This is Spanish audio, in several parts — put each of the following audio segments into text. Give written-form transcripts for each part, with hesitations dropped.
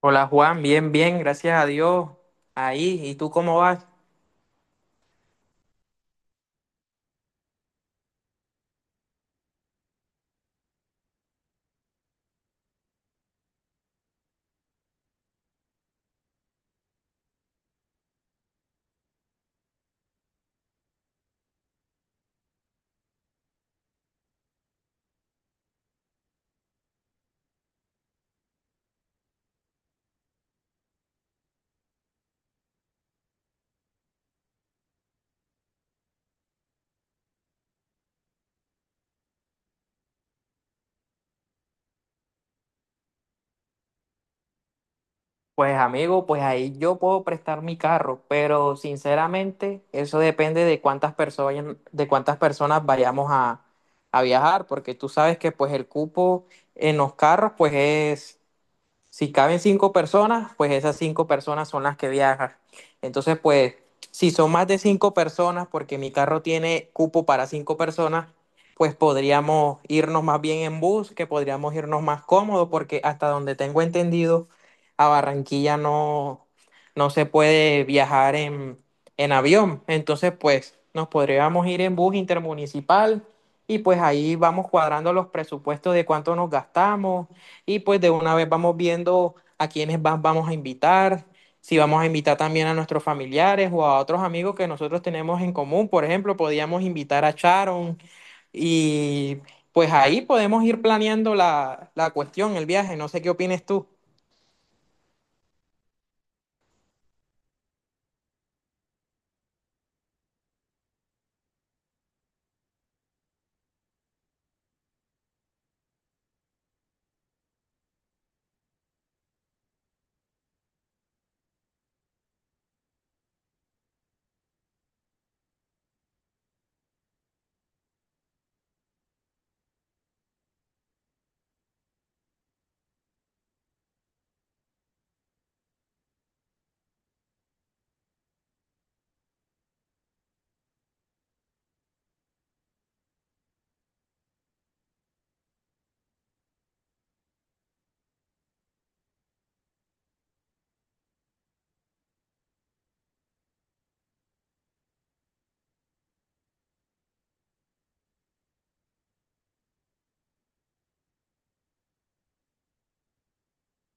Hola Juan, bien, bien, gracias a Dios. Ahí, ¿y tú cómo vas? Pues amigo, pues ahí yo puedo prestar mi carro, pero sinceramente eso depende de cuántas personas, vayamos a viajar, porque tú sabes que pues el cupo en los carros pues es. Si caben cinco personas, pues esas cinco personas son las que viajan. Entonces, pues, si son más de cinco personas, porque mi carro tiene cupo para cinco personas, pues podríamos irnos más bien en bus, que podríamos irnos más cómodos, porque hasta donde tengo entendido, a Barranquilla no, no se puede viajar en avión. Entonces, pues, nos podríamos ir en bus intermunicipal y pues ahí vamos cuadrando los presupuestos de cuánto nos gastamos y pues de una vez vamos viendo a quiénes vamos a invitar, si vamos a invitar también a nuestros familiares o a otros amigos que nosotros tenemos en común. Por ejemplo, podíamos invitar a Sharon y pues ahí podemos ir planeando la cuestión, el viaje. No sé qué opines tú.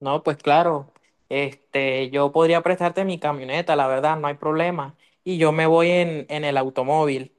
No, pues claro, este, yo podría prestarte mi camioneta, la verdad, no hay problema. Y yo me voy en el automóvil.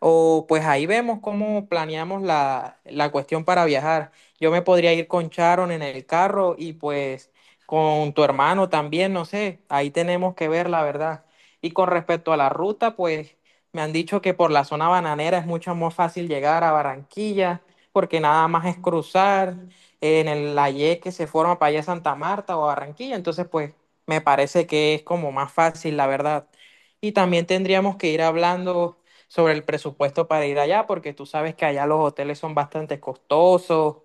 O pues ahí vemos cómo planeamos la cuestión para viajar. Yo me podría ir con Sharon en el carro y pues con tu hermano también, no sé, ahí tenemos que ver la verdad. Y con respecto a la ruta, pues me han dicho que por la zona bananera es mucho más fácil llegar a Barranquilla, porque nada más es cruzar en el, la Y que se forma para allá a Santa Marta o a Barranquilla. Entonces, pues me parece que es como más fácil, la verdad. Y también tendríamos que ir hablando sobre el presupuesto para ir allá, porque tú sabes que allá los hoteles son bastante costosos,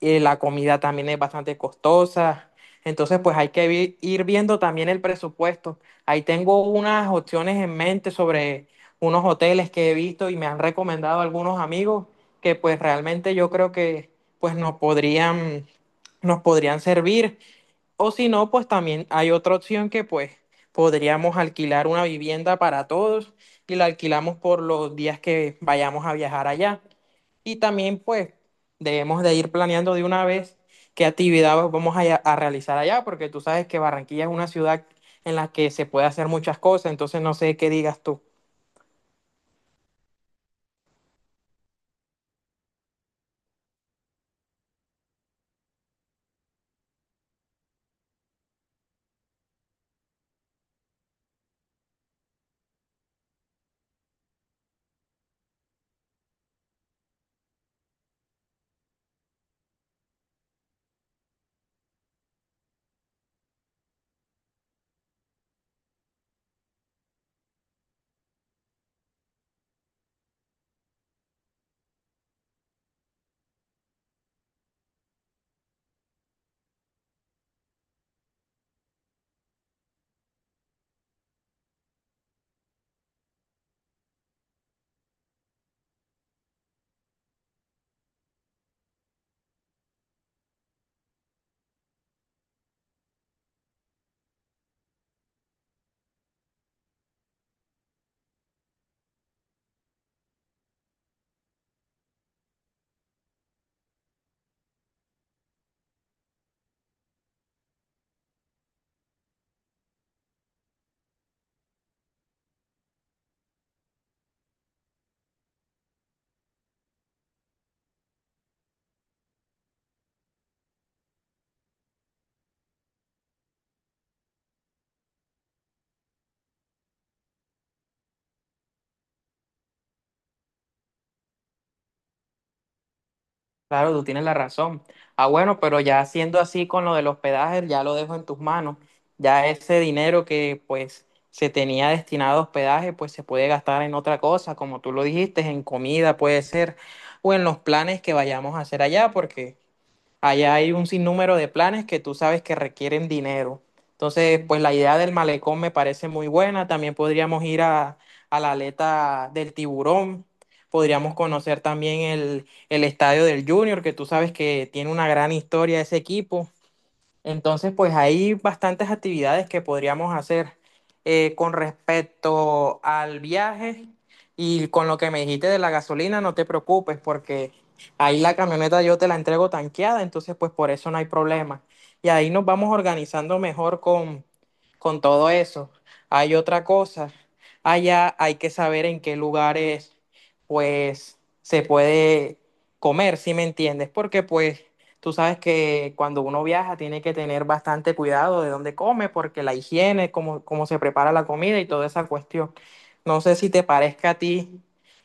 y la comida también es bastante costosa. Entonces, pues hay que ir viendo también el presupuesto. Ahí tengo unas opciones en mente sobre unos hoteles que he visto y me han recomendado algunos amigos que pues realmente yo creo que pues nos podrían servir. O si no, pues también hay otra opción que pues podríamos alquilar una vivienda para todos y la alquilamos por los días que vayamos a viajar allá. Y también, pues, debemos de ir planeando de una vez qué actividad vamos a realizar allá, porque tú sabes que Barranquilla es una ciudad en la que se puede hacer muchas cosas, entonces no sé qué digas tú. Claro, tú tienes la razón. Ah, bueno, pero ya siendo así con lo del hospedaje, ya lo dejo en tus manos. Ya ese dinero que pues se tenía destinado a hospedaje, pues se puede gastar en otra cosa, como tú lo dijiste, en comida puede ser, o en los planes que vayamos a hacer allá, porque allá hay un sinnúmero de planes que tú sabes que requieren dinero. Entonces, pues la idea del malecón me parece muy buena. También podríamos ir a la aleta del tiburón. Podríamos conocer también el estadio del Junior, que tú sabes que tiene una gran historia ese equipo. Entonces, pues hay bastantes actividades que podríamos hacer con respecto al viaje y con lo que me dijiste de la gasolina, no te preocupes porque ahí la camioneta yo te la entrego tanqueada, entonces pues por eso no hay problema. Y ahí nos vamos organizando mejor con todo eso. Hay otra cosa, allá hay que saber en qué lugares pues se puede comer, si me entiendes, porque pues tú sabes que cuando uno viaja tiene que tener bastante cuidado de dónde come, porque la higiene, cómo se prepara la comida y toda esa cuestión. No sé si te parezca a ti,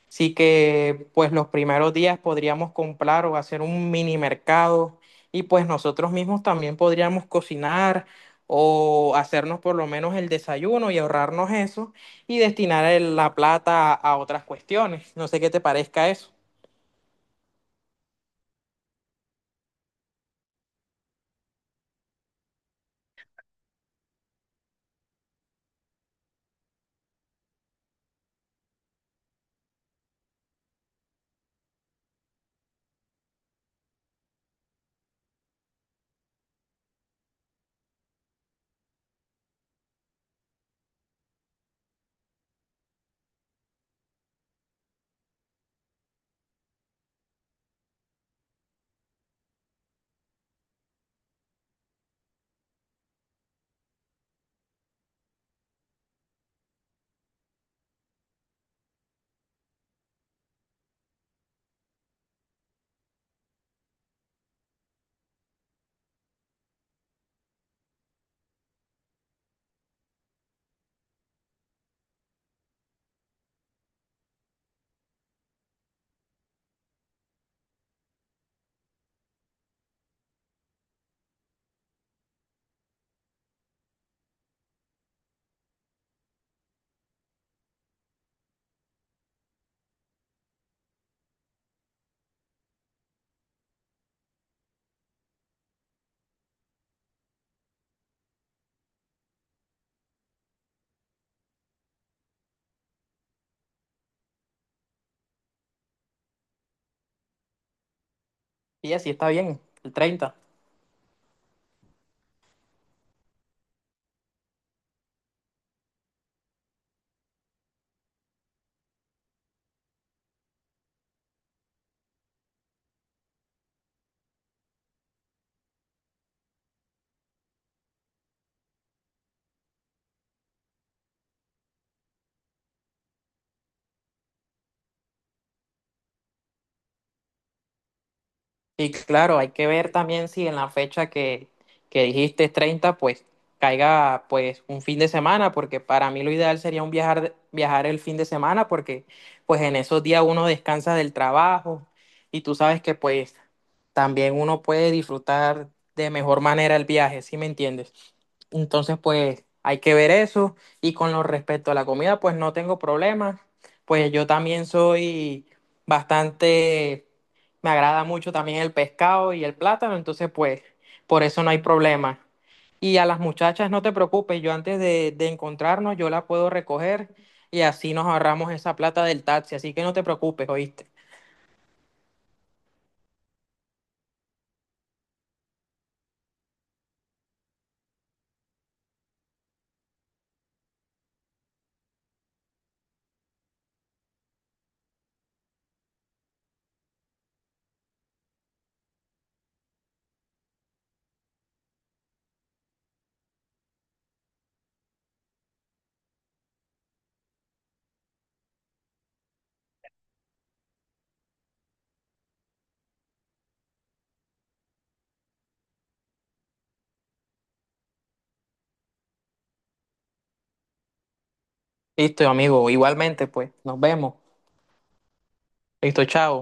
sí que pues los primeros días podríamos comprar o hacer un mini mercado y pues nosotros mismos también podríamos cocinar o hacernos por lo menos el desayuno y ahorrarnos eso y destinar la plata a otras cuestiones. No sé qué te parezca eso. Y así está bien, el 30. Y claro, hay que ver también si en la fecha que dijiste es 30, pues caiga pues un fin de semana, porque para mí lo ideal sería un viajar, viajar el fin de semana, porque pues en esos días uno descansa del trabajo y tú sabes que pues también uno puede disfrutar de mejor manera el viaje, ¿sí me entiendes? Entonces, pues hay que ver eso. Y con lo respecto a la comida, pues no tengo problemas. Pues yo también soy bastante, me agrada mucho también el pescado y el plátano, entonces pues por eso no hay problema. Y a las muchachas, no te preocupes, yo antes de encontrarnos, yo la puedo recoger y así nos ahorramos esa plata del taxi. Así que no te preocupes, ¿oíste? Listo, amigo, igualmente, pues nos vemos. Listo, chao.